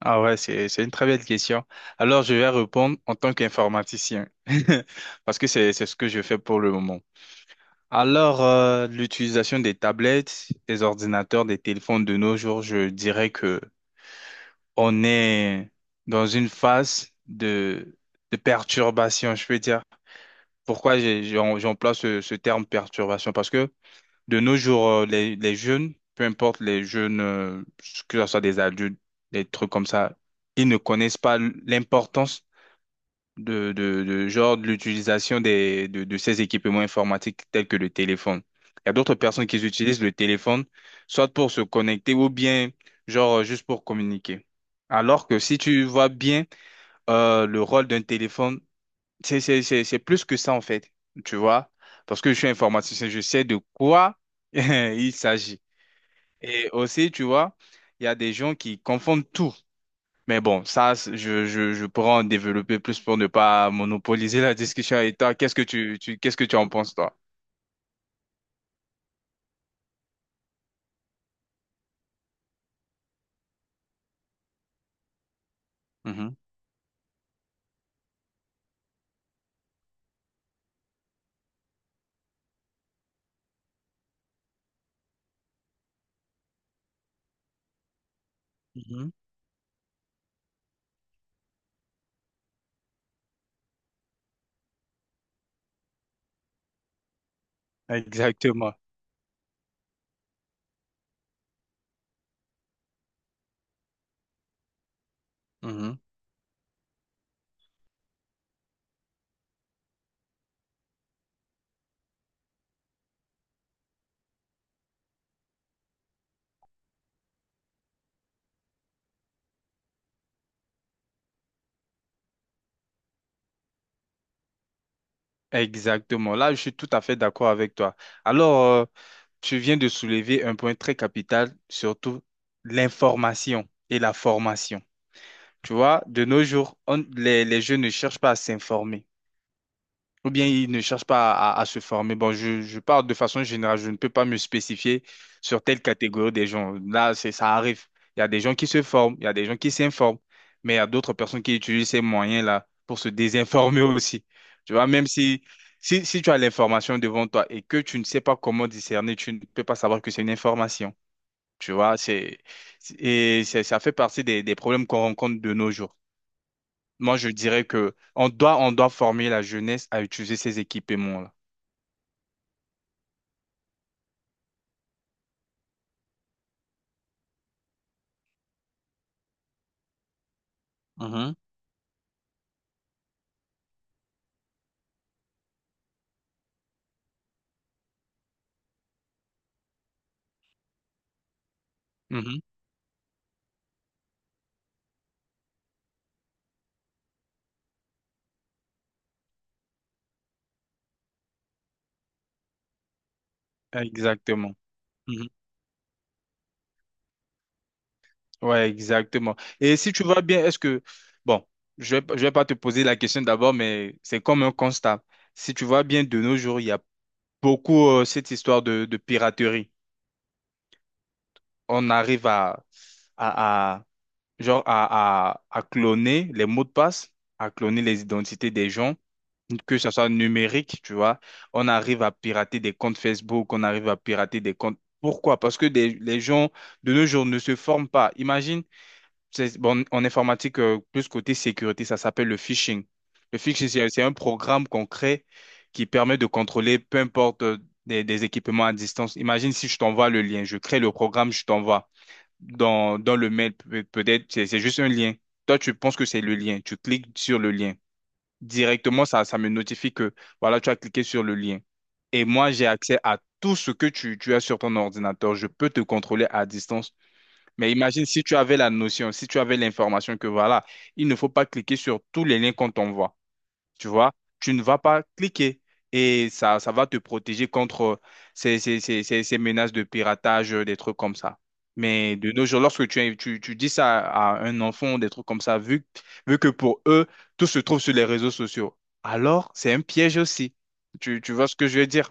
Ah ouais, c'est une très belle question. Alors, je vais répondre en tant qu'informaticien, parce que c'est ce que je fais pour le moment. Alors, l'utilisation des tablettes, des ordinateurs, des téléphones de nos jours, je dirais que on est dans une phase de perturbation, je peux dire. Pourquoi j'emploie ce terme perturbation? Parce que de nos jours, les jeunes, peu importe les jeunes, que ce soit des adultes, des trucs comme ça, ils ne connaissent pas l'importance de l'utilisation de ces équipements informatiques tels que le téléphone. Il y a d'autres personnes qui utilisent le téléphone, soit pour se connecter ou bien genre juste pour communiquer. Alors que si tu vois bien le rôle d'un téléphone c'est plus que ça, en fait, tu vois, parce que je suis informaticien, je sais de quoi il s'agit. Et aussi, tu vois, il y a des gens qui confondent tout. Mais bon, ça, je pourrais en développer plus pour ne pas monopoliser la discussion. Et toi, qu'est-ce que qu'est-ce que tu en penses, toi? Mhm. Mhm. Exactement. Mhm. Exactement. Là, je suis tout à fait d'accord avec toi. Alors, tu viens de soulever un point très capital, surtout l'information et la formation. Tu vois, de nos jours, les jeunes ne cherchent pas à s'informer ou bien ils ne cherchent pas à se former. Bon, je parle de façon générale, je ne peux pas me spécifier sur telle catégorie des gens. Là, c'est, ça arrive. Il y a des gens qui se forment, il y a des gens qui s'informent, mais il y a d'autres personnes qui utilisent ces moyens-là pour se désinformer aussi. Tu vois, même si tu as l'information devant toi et que tu ne sais pas comment discerner, tu ne peux pas savoir que c'est une information. Tu vois, c'est- ça fait partie des problèmes qu'on rencontre de nos jours. Moi, je dirais que on doit former la jeunesse à utiliser ces équipements-là. Mhm. Mhm. Exactement. Mhm. Ouais, exactement. Et si tu vois bien, est-ce que, bon, je vais pas te poser la question d'abord, mais c'est comme un constat. Si tu vois bien, de nos jours, il y a beaucoup cette histoire de piraterie. On arrive à, à- genre à cloner les mots de passe, à cloner les identités des gens que ça soit numérique, tu vois, on arrive à pirater des comptes Facebook, on arrive à pirater des comptes. Pourquoi? Parce que les gens de nos jours ne se forment pas. Imagine, c'est- bon, en informatique, plus côté sécurité, ça s'appelle le phishing. Le phishing, c'est un programme qu'on crée qui permet de contrôler peu importe des équipements à distance. Imagine si je t'envoie le lien, je crée le programme, je t'envoie dans le mail, peut-être, c'est juste un lien. Toi, tu penses que c'est le lien, tu cliques sur le lien directement, ça me notifie que, voilà, tu as cliqué sur le lien. Et moi, j'ai accès à tout ce que tu as sur ton ordinateur. Je peux te contrôler à distance. Mais imagine si tu avais la notion, si tu avais l'information que, voilà, il ne faut pas cliquer sur tous les liens qu'on t'envoie tu vois, tu ne vas pas cliquer. Et ça va te protéger contre ces menaces de piratage, des trucs comme ça. Mais de nos jours, lorsque tu dis ça à un enfant, des trucs comme ça, vu que pour eux, tout se trouve sur les réseaux sociaux, alors c'est un piège aussi. Tu vois ce que je veux dire?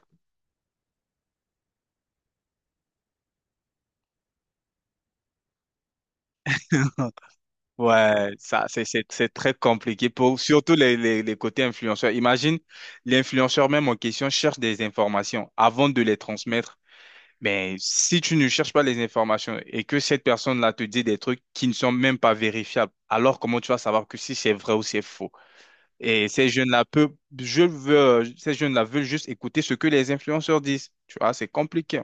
Ouais, ça, c'est très compliqué pour surtout les côtés influenceurs. Imagine, l'influenceur même en question cherche des informations avant de les transmettre. Mais si tu ne cherches pas les informations et que cette personne-là te dit des trucs qui ne sont même pas vérifiables, alors comment tu vas savoir que si c'est vrai ou c'est faux? Et ces jeunes-là peuvent, je veux, ces jeunes-là veulent juste écouter ce que les influenceurs disent. Tu vois, c'est compliqué.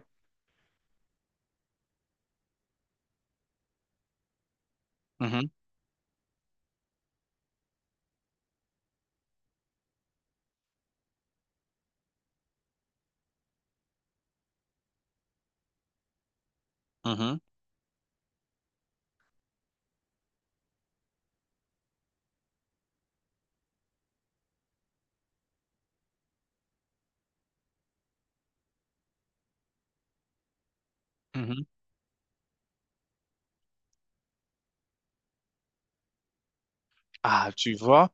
Mhm, mhm, mhm. Ah, tu vois?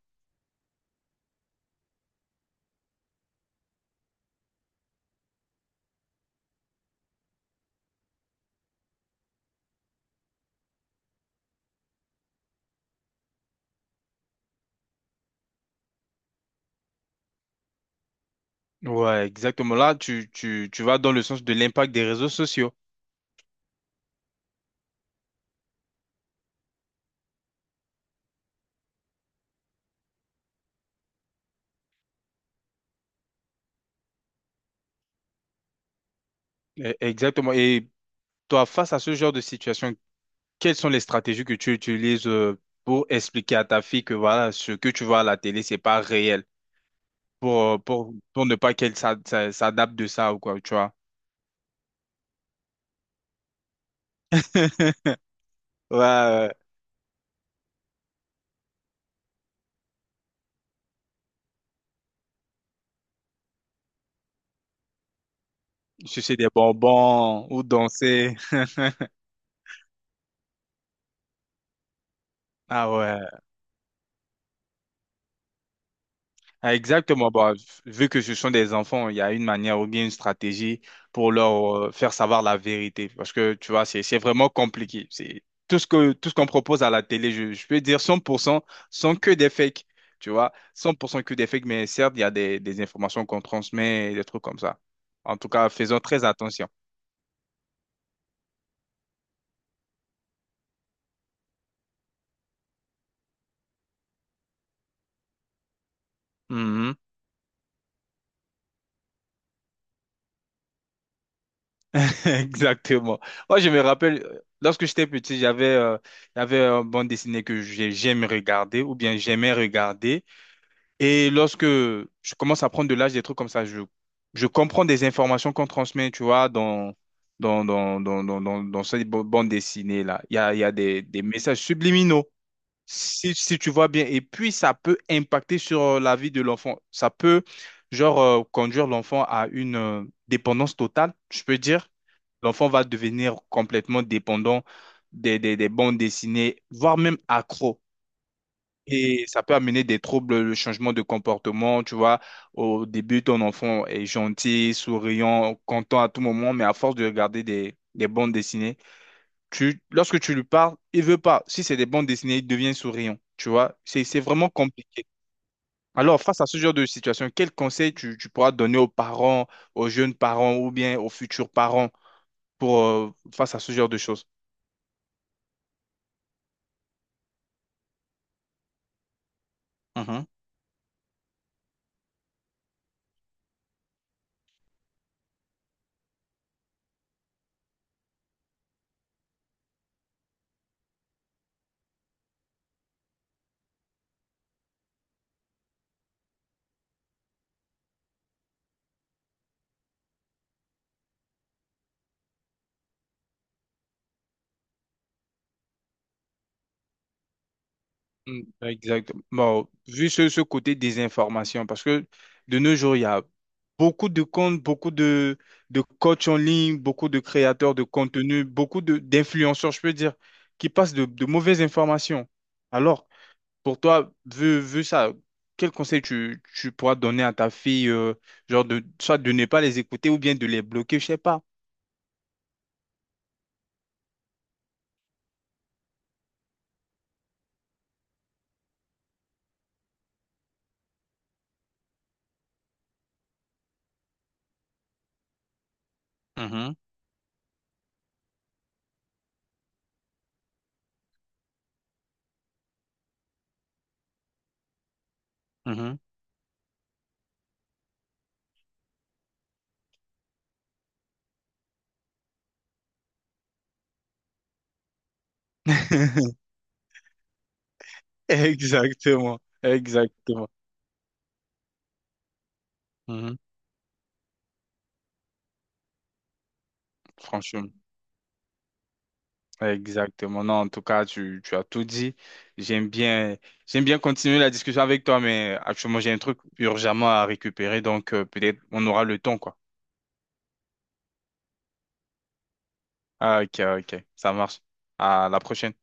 Ouais, exactement. Là, tu vas dans le sens de l'impact des réseaux sociaux. E- Exactement. Et toi, face à ce genre de situation, quelles sont les stratégies que tu utilises pour expliquer à ta fille que voilà, ce que tu vois à la télé, c'est pas réel, pour, pour ne pas qu'elle s'adapte de ça ou quoi, tu vois? Ouais, ouais. Sucer des bonbons ou danser. Ah ouais. Ah, exactement. Bah, vu que ce sont des enfants, il y a une manière ou bien une stratégie pour leur faire savoir la vérité. Parce que, tu vois, c'est vraiment compliqué. C'est tout ce que, tout ce qu'on propose à la télé, je peux dire 100%, sont que des fakes. Tu vois, 100% que des fakes, mais certes, il y a des informations qu'on transmet, des trucs comme ça. En tout cas, faisons très attention. Mhm. Exactement. Moi, je me rappelle, lorsque j'étais petit, j'avais il y avait une bande dessinée que j'aime regarder ou bien j'aimais regarder. Et lorsque je commence à prendre de l'âge, des trucs comme ça, je comprends des informations qu'on transmet, tu vois, dans cette bande dessinée-là. Il y a des messages subliminaux, si tu vois bien. Et puis, ça peut impacter sur la vie de l'enfant. Ça peut, genre, conduire l'enfant à une dépendance totale, je peux dire. L'enfant va devenir complètement dépendant des bandes dessinées, voire même accro. Et ça peut amener des troubles, le changement de comportement, tu vois. Au début, ton enfant est gentil, souriant, content à tout moment, mais à force de regarder des bandes dessinées, tu, lorsque tu lui parles, il veut pas. Si c'est des bandes dessinées, il devient souriant, tu vois. C'est vraiment compliqué. Alors, face à ce genre de situation, quel conseil tu pourras donner aux parents, aux jeunes parents ou bien aux futurs parents pour, face à ce genre de choses? Mm, exact. Bon, vu ce côté désinformation, parce que de nos jours, il y a beaucoup de comptes, beaucoup de coachs en ligne, beaucoup de créateurs de contenu, beaucoup d'influenceurs, je peux dire, qui passent de mauvaises informations. Alors, pour toi, vu ça, quel conseil tu pourras donner à ta fille, genre de, soit de ne pas les écouter ou bien de les bloquer, je sais pas. Mhm, mhm. Exactement, exactement. Mhm, franchement. Exactement. Non, en tout cas, tu as tout dit. J'aime bien, j'aime bien continuer la discussion avec toi, mais actuellement, j'ai un truc urgemment à récupérer, donc peut-être on aura le temps, quoi. Ah, ok, ok. Ça marche. À la prochaine.